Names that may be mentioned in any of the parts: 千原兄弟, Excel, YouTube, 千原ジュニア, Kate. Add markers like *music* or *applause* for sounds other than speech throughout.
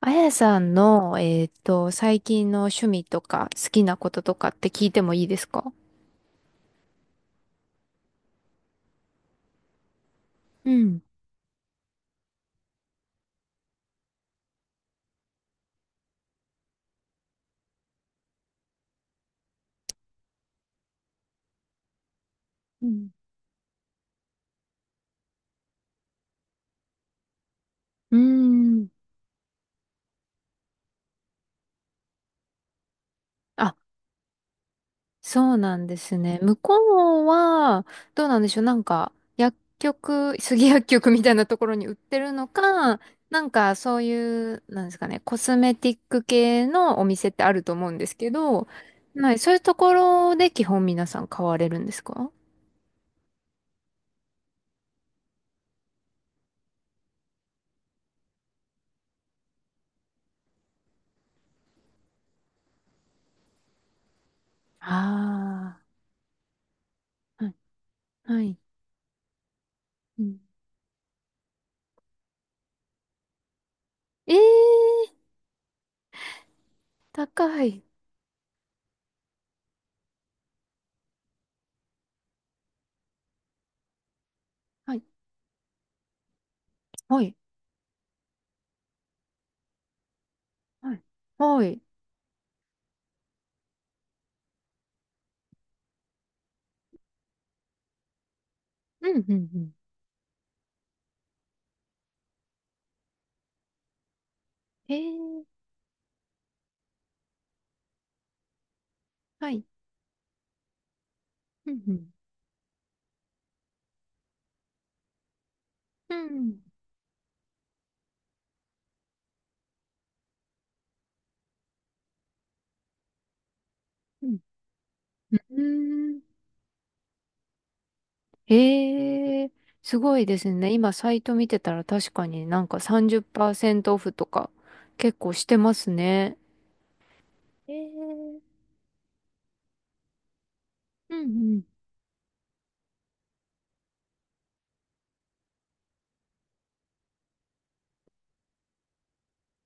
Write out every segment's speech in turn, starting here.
あやさんの、最近の趣味とか好きなこととかって聞いてもいいですか？うん。うん。うーん。あ、そうなんですね。向こうは、どうなんでしょう。なんか、薬局、杉薬局みたいなところに売ってるのか、なんかそういう、なんですかね、コスメティック系のお店ってあると思うんですけど、はい、そういうところで基本皆さん買われるんですか？ああー、はい。はい。うん。ええ、高い。はい。はい。はい。はい。うん、うん、うん。へえ、はい。うん、うん。うん、うん。うん。うーん。へえ、すごいですね。今、サイト見てたら確かになんか30%オフとか結構してますね。へえ、うん、うん。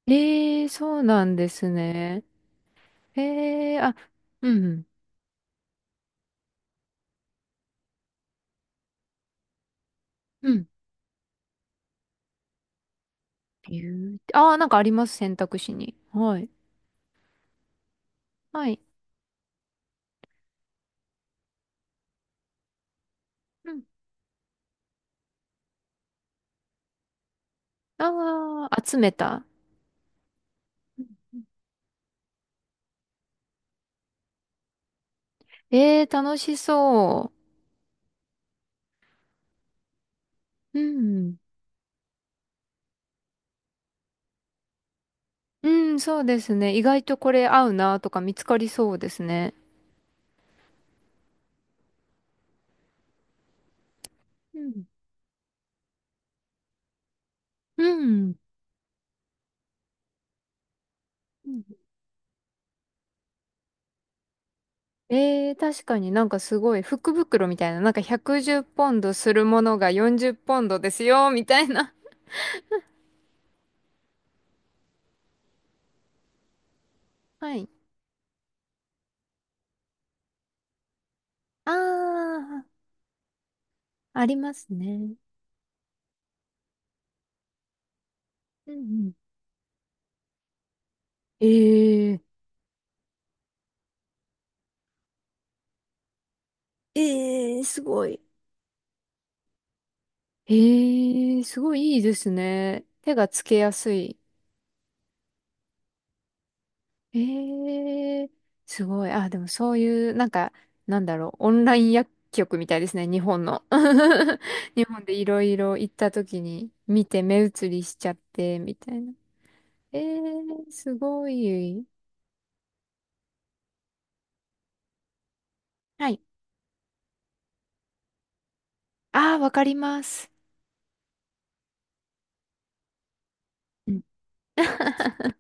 ええ、そうなんですね。へえ、あ、うん、うん。うん。ビューティああー、なんかあります、選択肢に。はい。はい。うん。ああ、集めた。えー、楽しそう。うん。うん、そうですね。意外とこれ合うなとか見つかりそうですね。うん。うん。うん。えー、確かになんかすごい福袋みたいな、なんか110ポンドするものが40ポンドですよ、みたいな。はい。あー、ありますね。うんうん。えー、ええー、すごい。えー、すごいいいですね。手がつけやすい。ええ、すごい。あ、でもそういう、なんか、なんだろう、オンライン薬局みたいですね、日本の。*laughs* 日本でいろいろ行った時に見て目移りしちゃって、みたいな。ええ、すごい。はい。ああ、わかります。うん、*laughs*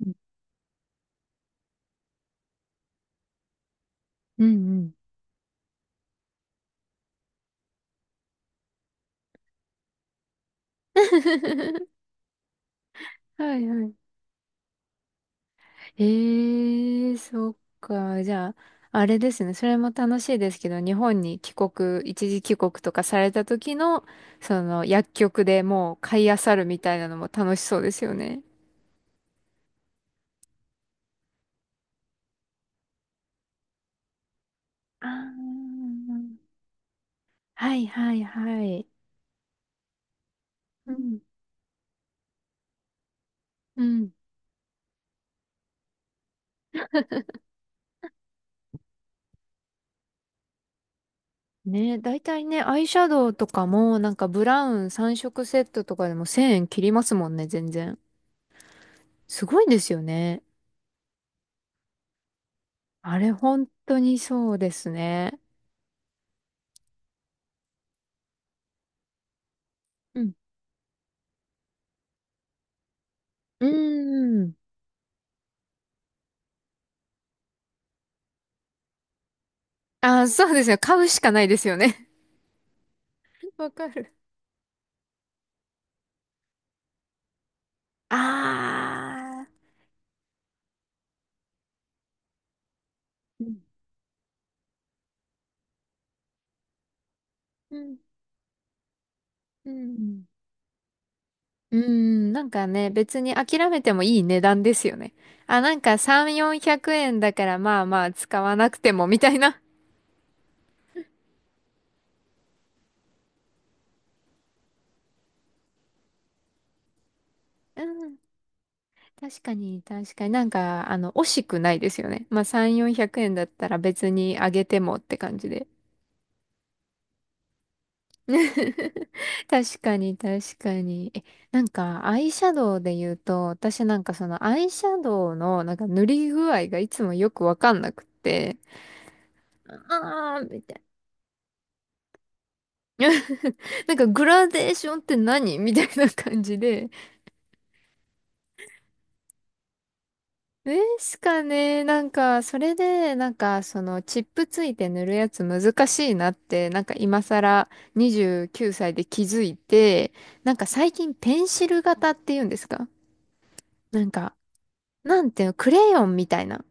うん、*laughs* うんうん。*laughs* はいはい。ええ、そっか。じゃあ、あれですね。それも楽しいですけど、日本に帰国、一時帰国とかされた時の、その薬局でもう買い漁るみたいなのも楽しそうですよね。あー、はいはいはい。うん。うん。ね、大体ね、アイシャドウとかも、なんかブラウン3色セットとかでも1000円切りますもんね、全然。すごいんですよね。あれ、本当にそうですね。うん。うーん。ああ、そうですよ。買うしかないですよね。*laughs* わかる。ああ。うん。うん。うんうん。なんかね、別に諦めてもいい値段ですよね。あ、なんか3、400円だからまあまあ使わなくてもみたいな。うん。確かに、確かに。なんか、惜しくないですよね。まあ3、400円だったら別にあげてもって感じで。*laughs* 確かに、確かに。え、なんか、アイシャドウで言うと、私なんかそのアイシャドウのなんか塗り具合がいつもよくわかんなくて、あー、みたいな。*laughs* なんかグラデーションって何みたいな感じで。ですかね。なんか、それで、なんか、その、チップついて塗るやつ難しいなって、なんか今更29歳で気づいて、なんか最近ペンシル型っていうんですか？なんか、なんていうの、クレヨンみたいな。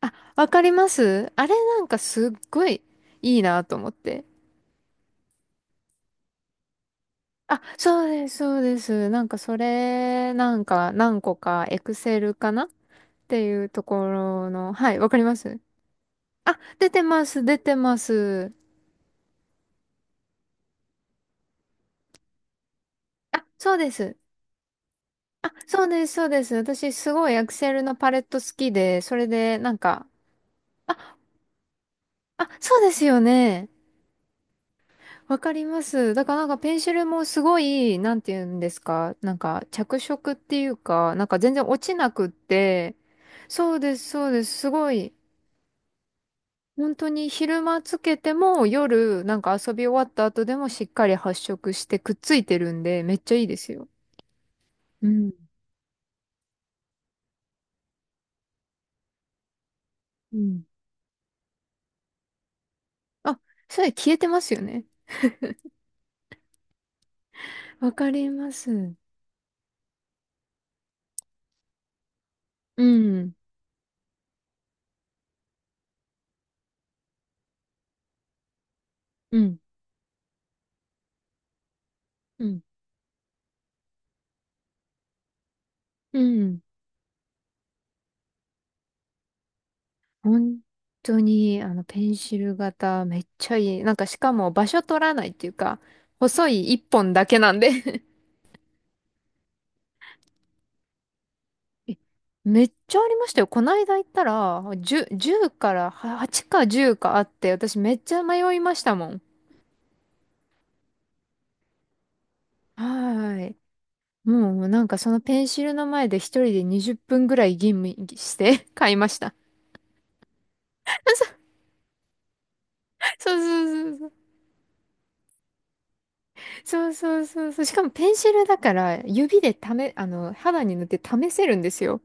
あ、わかります。あれ、なんかすっごいいいなと思って。あ、そうです、そうです。なんかそれ、なんか何個か、エクセルかなっていうところの、はい、わかります。あ、出てます、出てます。あ、そうです。あ、そうです、そうです。私すごいエクセルのパレット好きで、それでなんか、あ、あ、そうですよね。わかります。だからなんかペンシルもすごい、なんて言うんですか、なんか着色っていうか、なんか全然落ちなくって、そうです、そうです、すごい。本当に昼間つけても夜なんか遊び終わった後でもしっかり発色してくっついてるんで、めっちゃいいですよ。うん。うん。あ、それ消えてますよね。わかります。うん。うん。うん。うん。本当に、ペンシル型、めっちゃいい。なんか、しかも場所取らないっていうか、細い一本だけなんで *laughs* え、めっちゃありましたよ。こないだ行ったら、10、じゅうからは8か10かあって、私めっちゃ迷いましたもん。はーい。もうなんかそのペンシルの前で一人で20分ぐらい吟味して *laughs* 買いました。そうそうそうそう。そうそうそうそう。しかもペンシルだから指で試、あの、肌に塗って試せるんですよ。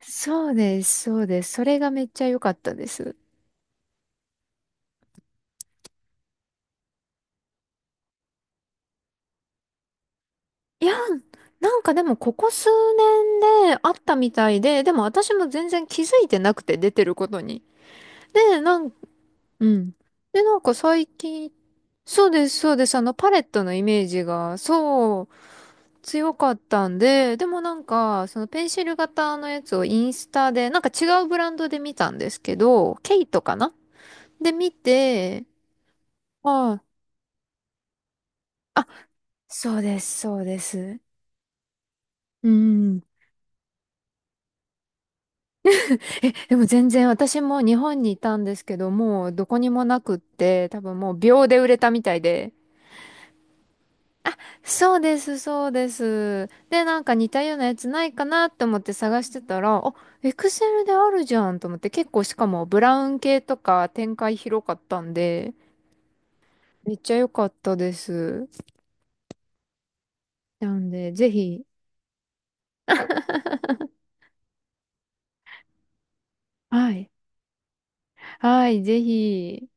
そうです、そうです。それがめっちゃ良かったです。いや、なんかでもここ数年であったみたいで、でも私も全然気づいてなくて出てることに。で、なん、うん。で、なんか最近、そうです、そうです。パレットのイメージが、そう、強かったんで、でもなんか、そのペンシル型のやつをインスタで、なんか違うブランドで見たんですけど、ケイトかなで見て、ああ、そうです、そうです。うん。でも全然私も日本にいたんですけど、もうどこにもなくって、多分もう秒で売れたみたいで。そうです、そうです。で、なんか似たようなやつないかなって思って探してたら、あ、エクセルであるじゃんと思って、結構しかもブラウン系とか展開広かったんで、めっちゃ良かったです。なんで、ぜひ、はい。はい、ぜひ。